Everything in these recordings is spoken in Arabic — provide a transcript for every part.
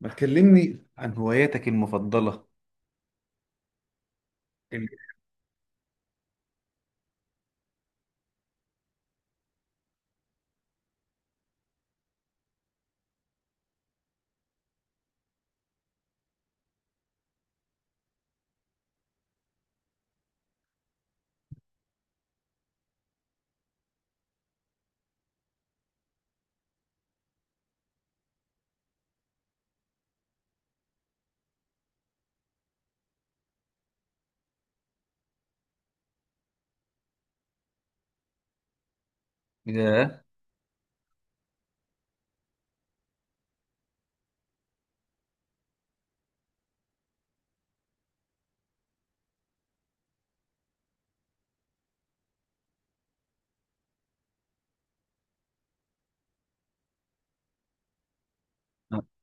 ما تكلمني عن هواياتك المفضلة؟ ال- ياه.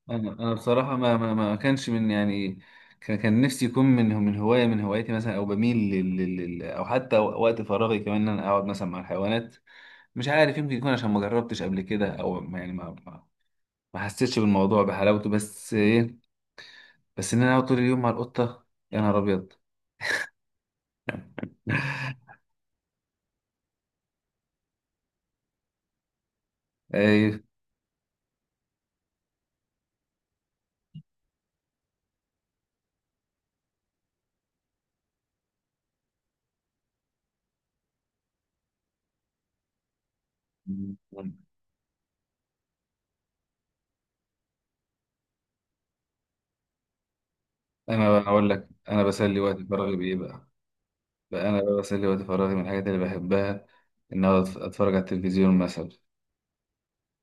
انا بصراحه ما كانش من يعني كان نفسي يكون من هوايه من هواياتي مثلا، او بميل او حتى وقت فراغي كمان ان انا اقعد مثلا مع الحيوانات. مش عارف، يمكن يكون عشان ما جربتش قبل كده، او ما- يعني ما حسيتش بالموضوع بحلاوته، بس ايه، بس ان انا اقعد طول اليوم مع القطه، يا نهار ابيض! ايه، انا اقول لك انا بسلي وقت فراغي بايه بقى. بقى أنا بقى بسلي وقت فراغي من الحاجات اللي بحبها، إن أقعد أتفرج على التلفزيون مثلا.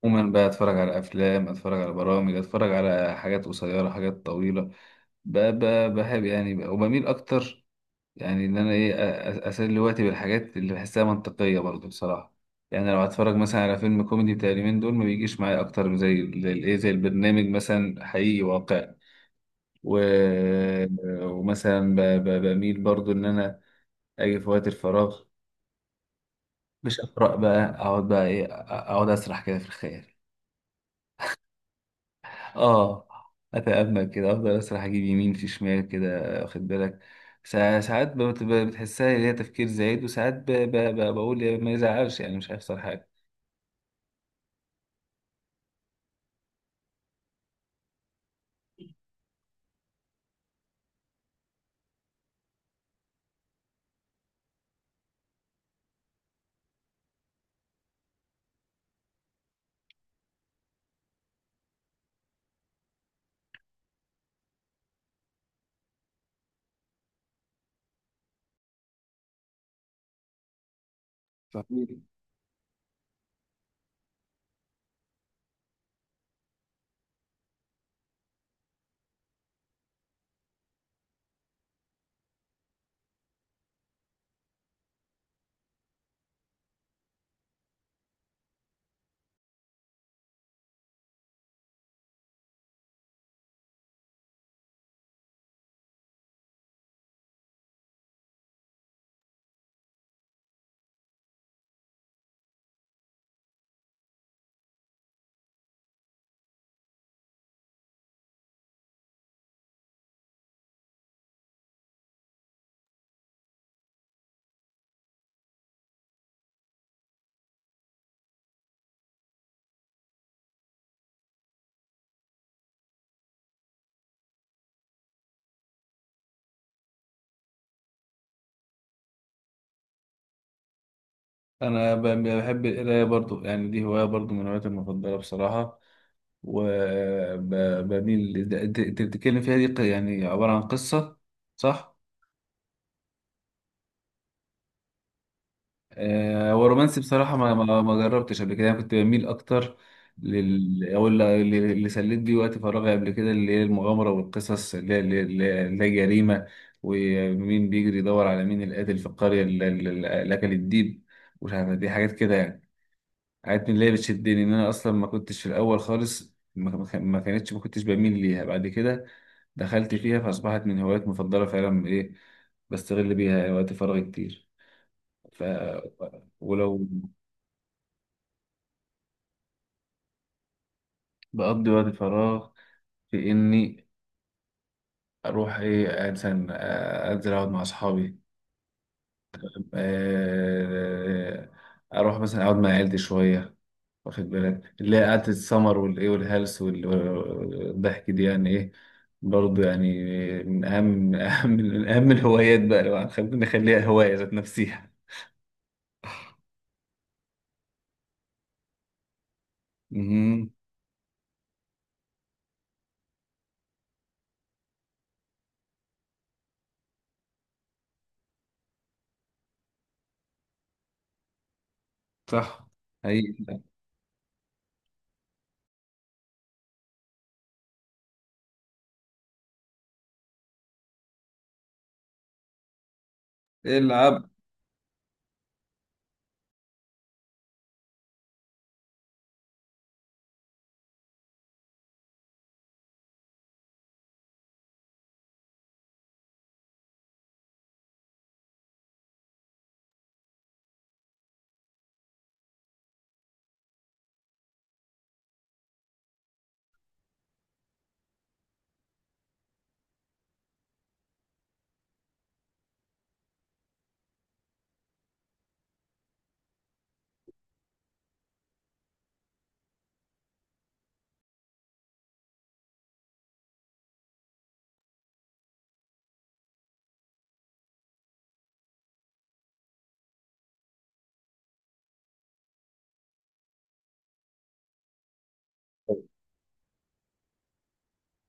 عموما بقى أتفرج على أفلام، أتفرج على برامج، أتفرج على حاجات قصيرة، حاجات طويلة. بقى بحب يعني بقى وبميل أكتر، يعني إن أنا أسلي وقتي بالحاجات اللي بحسها منطقية برضه بصراحة. يعني لو هتفرج مثلا على فيلم كوميدي بتاع اليومين دول، ما بيجيش معايا أكتر من زي البرنامج مثلا حقيقي واقعي. و... ومثلا بميل برضه إن أنا أجي في وقت الفراغ، مش اقرا بقى، اقعد بقى ايه، اقعد اسرح كده في الخيال. اه، اتامل كده، افضل اسرح، اجيب يمين في شمال كده، واخد بالك. ساعات بتحسها اللي هي تفكير زايد، وساعات بقول يا ما يزعلش، يعني مش هيحصل حاجه. فاهمين. انا بحب القرايه برضو، يعني دي هوايه برضو من هواياتي المفضله بصراحه، وبميل تتكلم فيها دي يعني عباره عن قصه، صح؟ آه، هو رومانسي بصراحة، ما جربتش قبل كده. أنا كنت بميل أكتر أو اللي سليت بيه وقت فراغي قبل كده، اللي هي المغامرة والقصص اللي هي جريمة، ومين بيجري يدور على مين القاتل في القرية اللي أكل الديب. مش عارف، دي حاجات كده يعني، حاجات من اللي هي بتشدني، إن أنا أصلا ما كنتش في الأول خالص، ما كنتش بميل ليها. بعد كده دخلت فيها فأصبحت من هوايات مفضلة فعلا، إيه، بستغل بيها وقت فراغي كتير. ف ولو بقضي وقت فراغ في إني أروح إيه مثلا، آه، أنزل أقعد مع أصحابي، آه، أروح مثلا أقعد مع عيلتي شوية، واخد بالك، اللي هي قعدة السمر والإيه والهلس والضحك دي يعني إيه، برضه يعني، من أهم الهوايات بقى، لو نخليها هواية ذات نفسيها. مهم. صح، حقيقي. العب.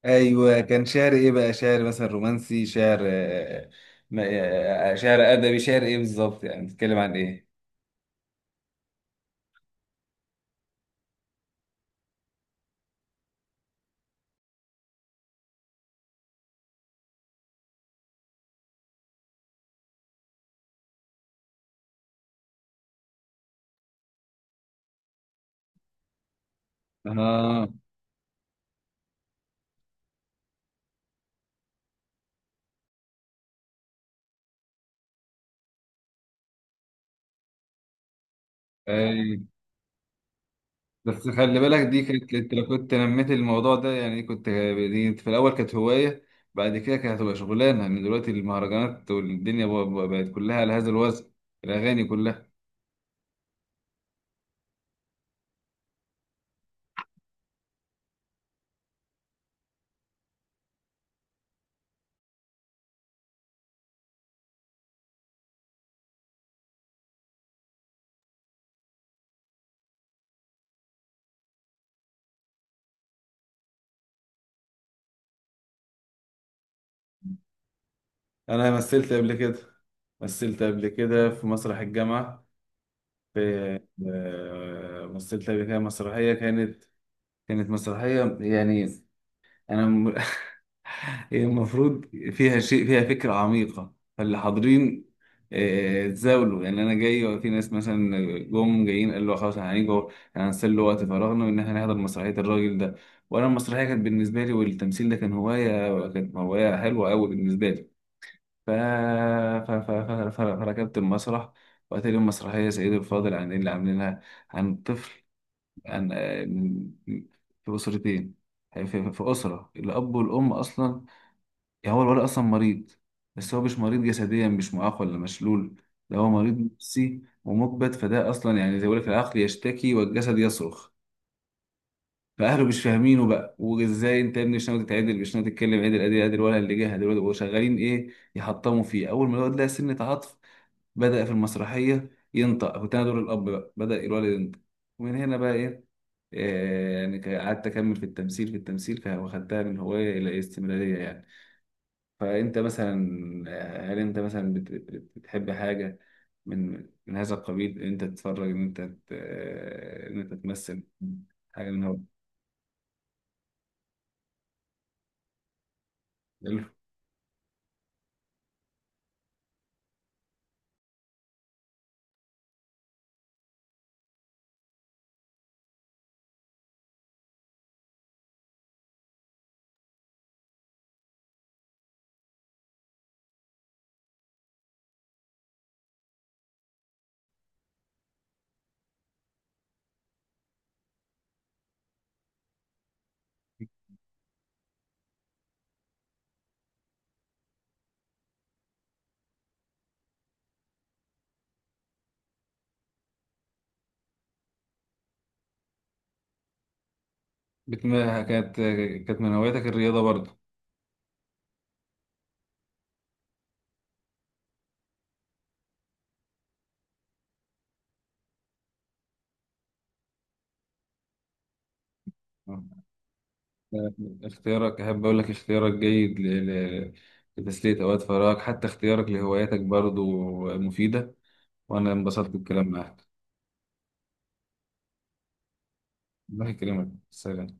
ايوه، كان شعر ايه بقى؟ شعر مثلا رومانسي، شعر، آه، آه، آه، شعر ادبي، شعر ايه بالظبط؟ يعني بتتكلم عن ايه؟ اه. اي، بس خلي بالك، دي كانت، انت لو كنت نميت الموضوع ده يعني، كنت دي في الاول كانت هوايه، بعد كده كانت هتبقى شغلانه، لان دلوقتي المهرجانات والدنيا بقت كلها على هذا الوزن، الاغاني كلها. انا مثلت قبل كده، مثلت قبل كده في مسرح الجامعه. في آه، مثلت قبل كده مسرحيه، كانت مسرحية يعني. أنا م... هي المفروض فيها شيء، فيها فكرة عميقة، فاللي حاضرين آه، اتزاولوا يعني. أنا جاي وفي ناس مثلا جم جايين، قالوا له خلاص هنيجي، هنسلي وقت فراغنا وإن إحنا نحضر مسرحية الراجل ده. وأنا المسرحية كانت بالنسبة لي، والتمثيل ده كان هواية، كانت هواية حلوة أوي بالنسبة لي، فركبت المسرح. وقت لي المسرحية سيد الفاضل عن اللي عاملينها، عن طفل يعني، في أسرتين، في أسرة الأب والأم أصلا، يعني هو الولد أصلا مريض، بس هو مش مريض جسديا، مش معاق ولا مشلول، ده هو مريض نفسي ومكبت، فده أصلا يعني زي ما بيقول لك، العقل يشتكي والجسد يصرخ. فأهله مش فاهمينه بقى، وإزاي أنت يا ابني مش ناوي تتعدل، مش ناوي تتكلم عدل، أدي أدي الولد اللي جه دلوقتي وشغالين إيه يحطموا فيه. أول ما الولد لقى سنة عطف، بدأ في المسرحية ينطق، كنت أنا دور الأب بقى، بدأ الولد ينطق. ومن هنا بقى، إيه إيه، يعني قعدت أكمل في التمثيل واخدتها من هواية إلى استمرارية يعني. فأنت مثلا، آه، هل أنت مثلا بتحب حاجة من هذا القبيل؟ إن أنت تتفرج، إن أنت آه، إن أنت تمثل حاجة من هو. حلو. بتم- كانت كانت من هواياتك الرياضة برضه؟ آه. اختيارك، أحب أقول لك اختيارك جيد لتسلية أوقات فراغك، حتى اختيارك لهواياتك برضو مفيدة، وأنا انبسطت بالكلام معاك. الله يكرمك، سلام.